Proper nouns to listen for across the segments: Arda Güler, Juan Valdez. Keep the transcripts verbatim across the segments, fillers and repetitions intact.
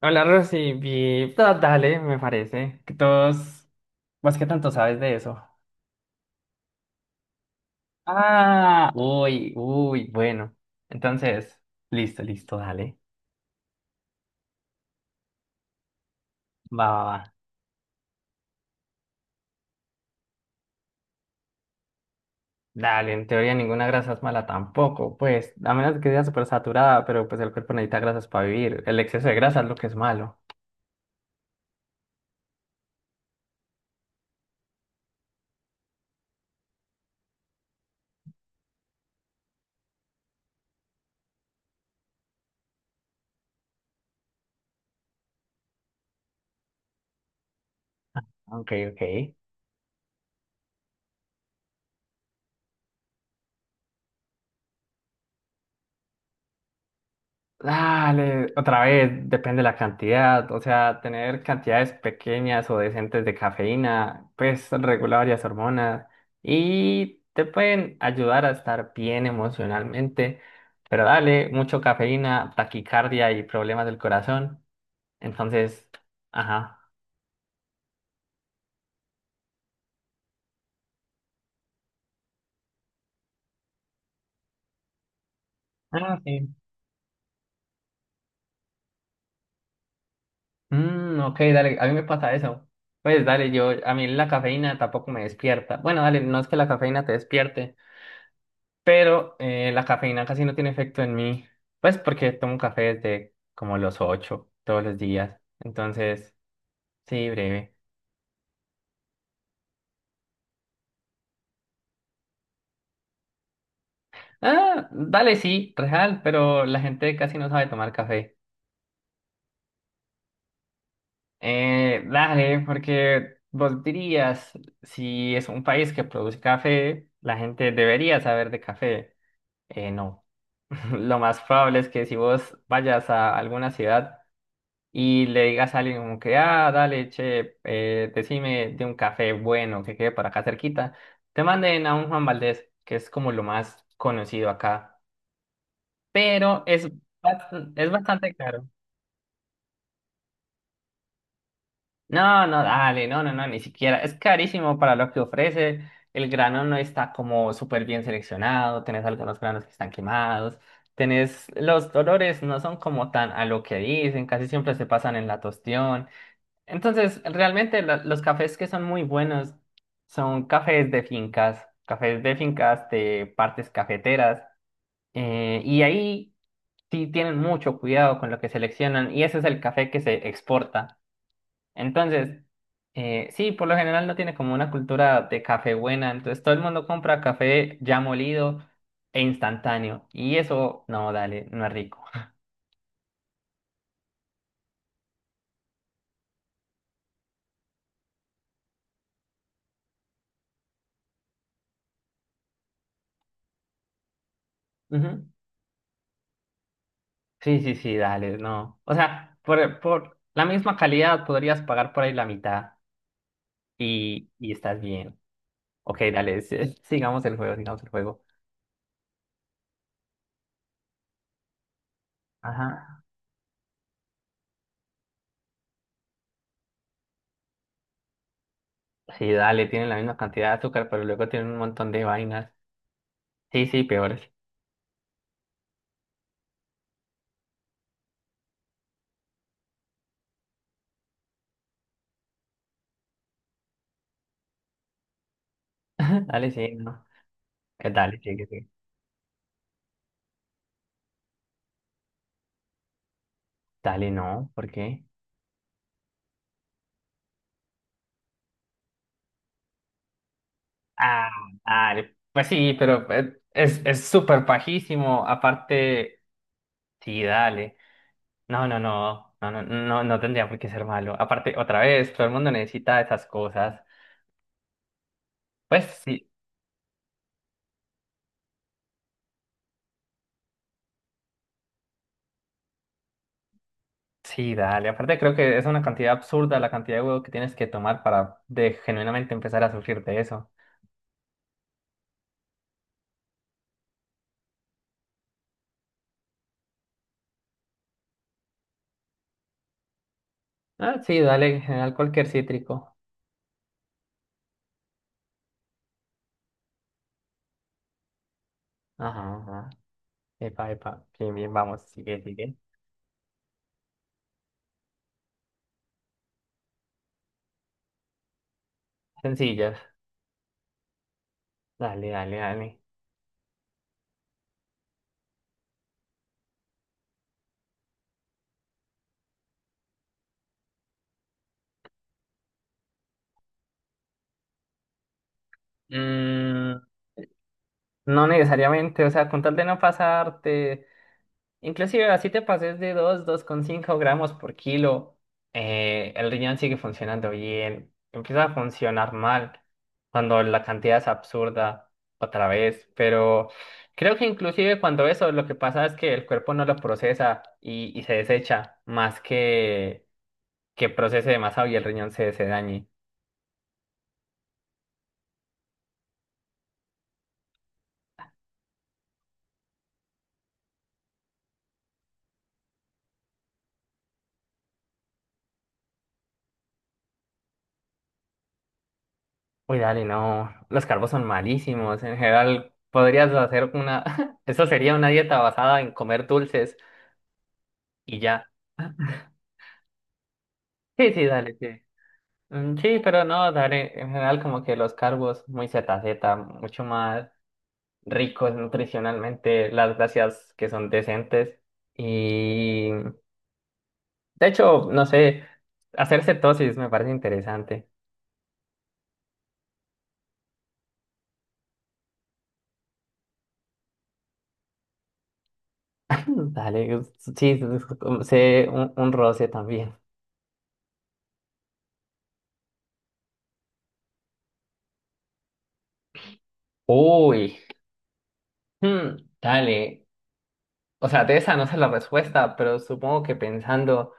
Hola, Rosy. vi- da- Dale, me parece. Que todos. ¿Vos qué tanto sabes de eso? Ah, uy, uy, bueno. Entonces, listo, listo, dale. Va, va, va. Dale, en teoría ninguna grasa es mala tampoco. Pues, a menos que sea súper saturada, pero pues el cuerpo necesita grasas para vivir. El exceso de grasa es lo que es malo. Ok, ok. Dale, otra vez, depende de la cantidad. O sea, tener cantidades pequeñas o decentes de cafeína, pues regula varias hormonas y te pueden ayudar a estar bien emocionalmente. Pero dale, mucho cafeína, taquicardia y problemas del corazón. Entonces, ajá. Ah, sí. Mm, ok, dale, a mí me pasa eso. Pues dale, yo, a mí la cafeína tampoco me despierta. Bueno, dale, no es que la cafeína te despierte. Pero eh, la cafeína casi no tiene efecto en mí, pues porque tomo café desde como los ocho todos los días. Entonces, sí, breve. Ah, dale, sí, real, pero la gente casi no sabe tomar café. Eh, dale, porque vos dirías, si es un país que produce café, la gente debería saber de café. Eh, no. Lo más probable es que si vos vayas a alguna ciudad y le digas a alguien como que, ah, dale, che, eh, decime de un café bueno que quede por acá cerquita, te manden a un Juan Valdez, que es como lo más conocido acá, pero es, bast- es bastante caro. No, no, dale, no, no, no, ni siquiera. Es carísimo para lo que ofrece. El grano no está como súper bien seleccionado, tenés algunos granos que están quemados, tenés los dolores no son como tan a lo que dicen, casi siempre se pasan en la tostión. Entonces, realmente la- los cafés que son muy buenos son cafés de fincas, cafés de fincas de partes cafeteras, eh, y ahí sí tienen mucho cuidado con lo que seleccionan, y ese es el café que se exporta. Entonces, eh, sí, por lo general no tiene como una cultura de café buena, entonces todo el mundo compra café ya molido e instantáneo, y eso, no, dale, no es rico. Sí, sí, sí, dale, no. O sea, por, por la misma calidad podrías pagar por ahí la mitad y, y, estás bien. Ok, dale, sí, sigamos el juego, sigamos el juego. Ajá. Sí, dale, tienen la misma cantidad de azúcar, pero luego tienen un montón de vainas. Sí, sí, peores. Dale, sí, no. Eh, dale, sí, sí, sí. Dale, no, ¿por qué? Ah, dale. Pues sí, pero eh, es, es súper pajísimo. Aparte, sí, dale. No, no, no, no, no, no, no tendría por qué ser malo. Aparte, otra vez, todo el mundo necesita esas cosas. Pues sí, sí, dale. Aparte, creo que es una cantidad absurda la cantidad de huevo que tienes que tomar para de genuinamente empezar a sufrir de eso. Ah, sí, dale, en general cualquier cítrico. Ajá, ajá. Epa, epa. Bien, bien, vamos, sigue, sigue. Sencillas. Dale, dale, dale. Mm, no necesariamente, o sea, con tal de no pasarte. Inclusive así te pases de dos coma cinco gramos por kilo, eh, el riñón sigue funcionando bien, empieza a funcionar mal cuando la cantidad es absurda otra vez, pero creo que inclusive cuando eso lo que pasa es que el cuerpo no lo procesa y, y, se desecha más que que procese demasiado y el riñón se, se dañe. Uy, dale, no, los carbos son malísimos, en general podrías hacer una, eso sería una dieta basada en comer dulces y ya. Sí, sí, dale, sí. Mm, sí, pero no, dale, en general como que los cargos muy Z Z, mucho más ricos nutricionalmente, las gracias que son decentes y de hecho, no sé, hacer cetosis me parece interesante. Mm, dale, sí, sé un, un roce también. Uy, hmm, dale, o sea, de esa no sé la respuesta, pero supongo que pensando,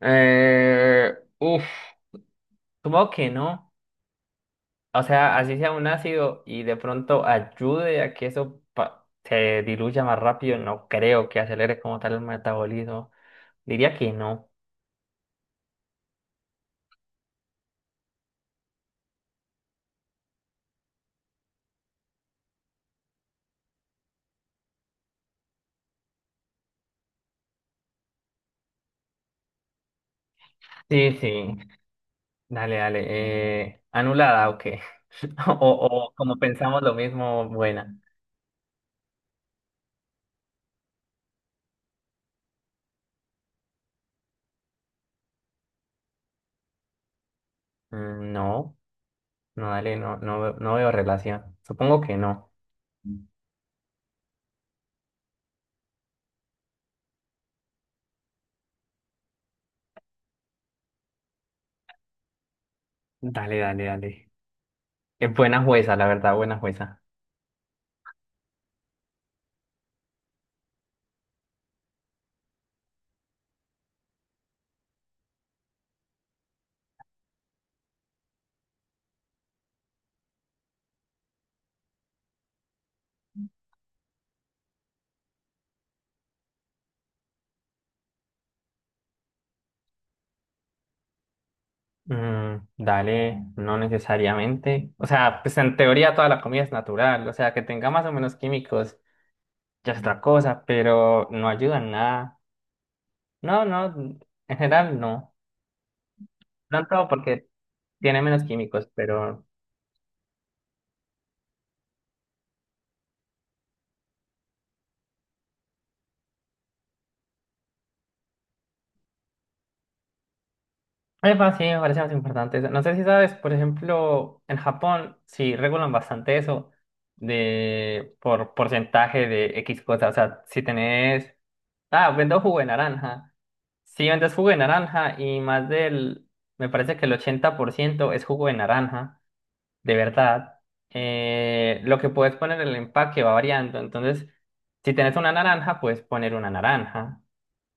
eh, uf, supongo que no. O sea, así sea un ácido y de pronto ayude a que eso pa- se diluya más rápido, no creo que acelere como tal el metabolismo. Diría que no. Sí, sí. Dale, dale. Eh, ¿anulada, o qué? O, o como pensamos lo mismo, buena. Mm, no, no, dale, no, no, veo- no veo relación. Supongo que no. Dale, dale, dale. Es buena jueza, la verdad, buena jueza. Mm, dale, no necesariamente. O sea, pues en teoría toda la comida es natural. O sea, que tenga más o menos químicos ya es otra cosa, pero no ayuda en nada. No, no, en general no. Tanto porque tiene menos químicos, pero... Epa, sí, me parece más importante eso. No sé si sabes, por ejemplo, en Japón sí regulan bastante eso de por porcentaje de X cosas. O sea, si tenés, ah, vendo jugo de naranja. Sí, vendes jugo de naranja y más del, me parece que el ochenta por ciento es jugo de naranja, de verdad. Eh, lo que puedes poner en el empaque va variando. Entonces, si tenés una naranja, puedes poner una naranja.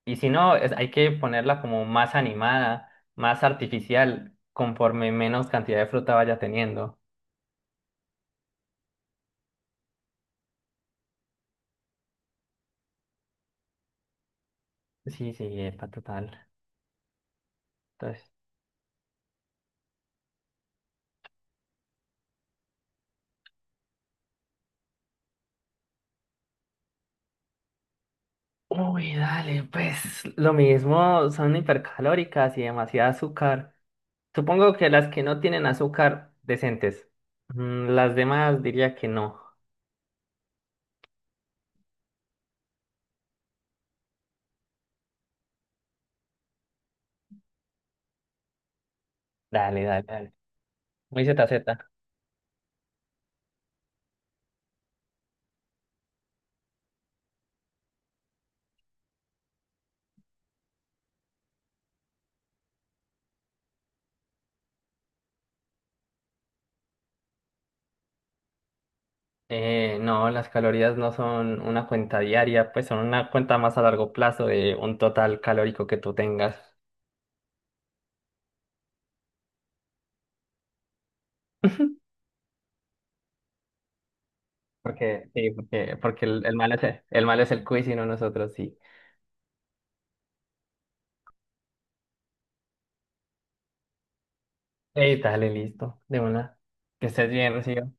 Y si no, es- hay que ponerla como más animada, más artificial, conforme menos cantidad de fruta vaya teniendo. Sí, sí, epa, total. Entonces. Uy, dale, pues lo mismo, son hipercalóricas y demasiado azúcar. Supongo que las que no tienen azúcar, decentes. Mm, Las demás diría que no. Dale, dale, dale. Muy Z Z. Eh, no, las calorías no son una cuenta diaria, pues son una cuenta más a largo plazo de un total calórico que tú tengas. Porque, sí, porque, porque el, el mal es el, el mal es el quiz y no nosotros, sí. Ey, dale, listo, de una. Que estés bien, Rocío.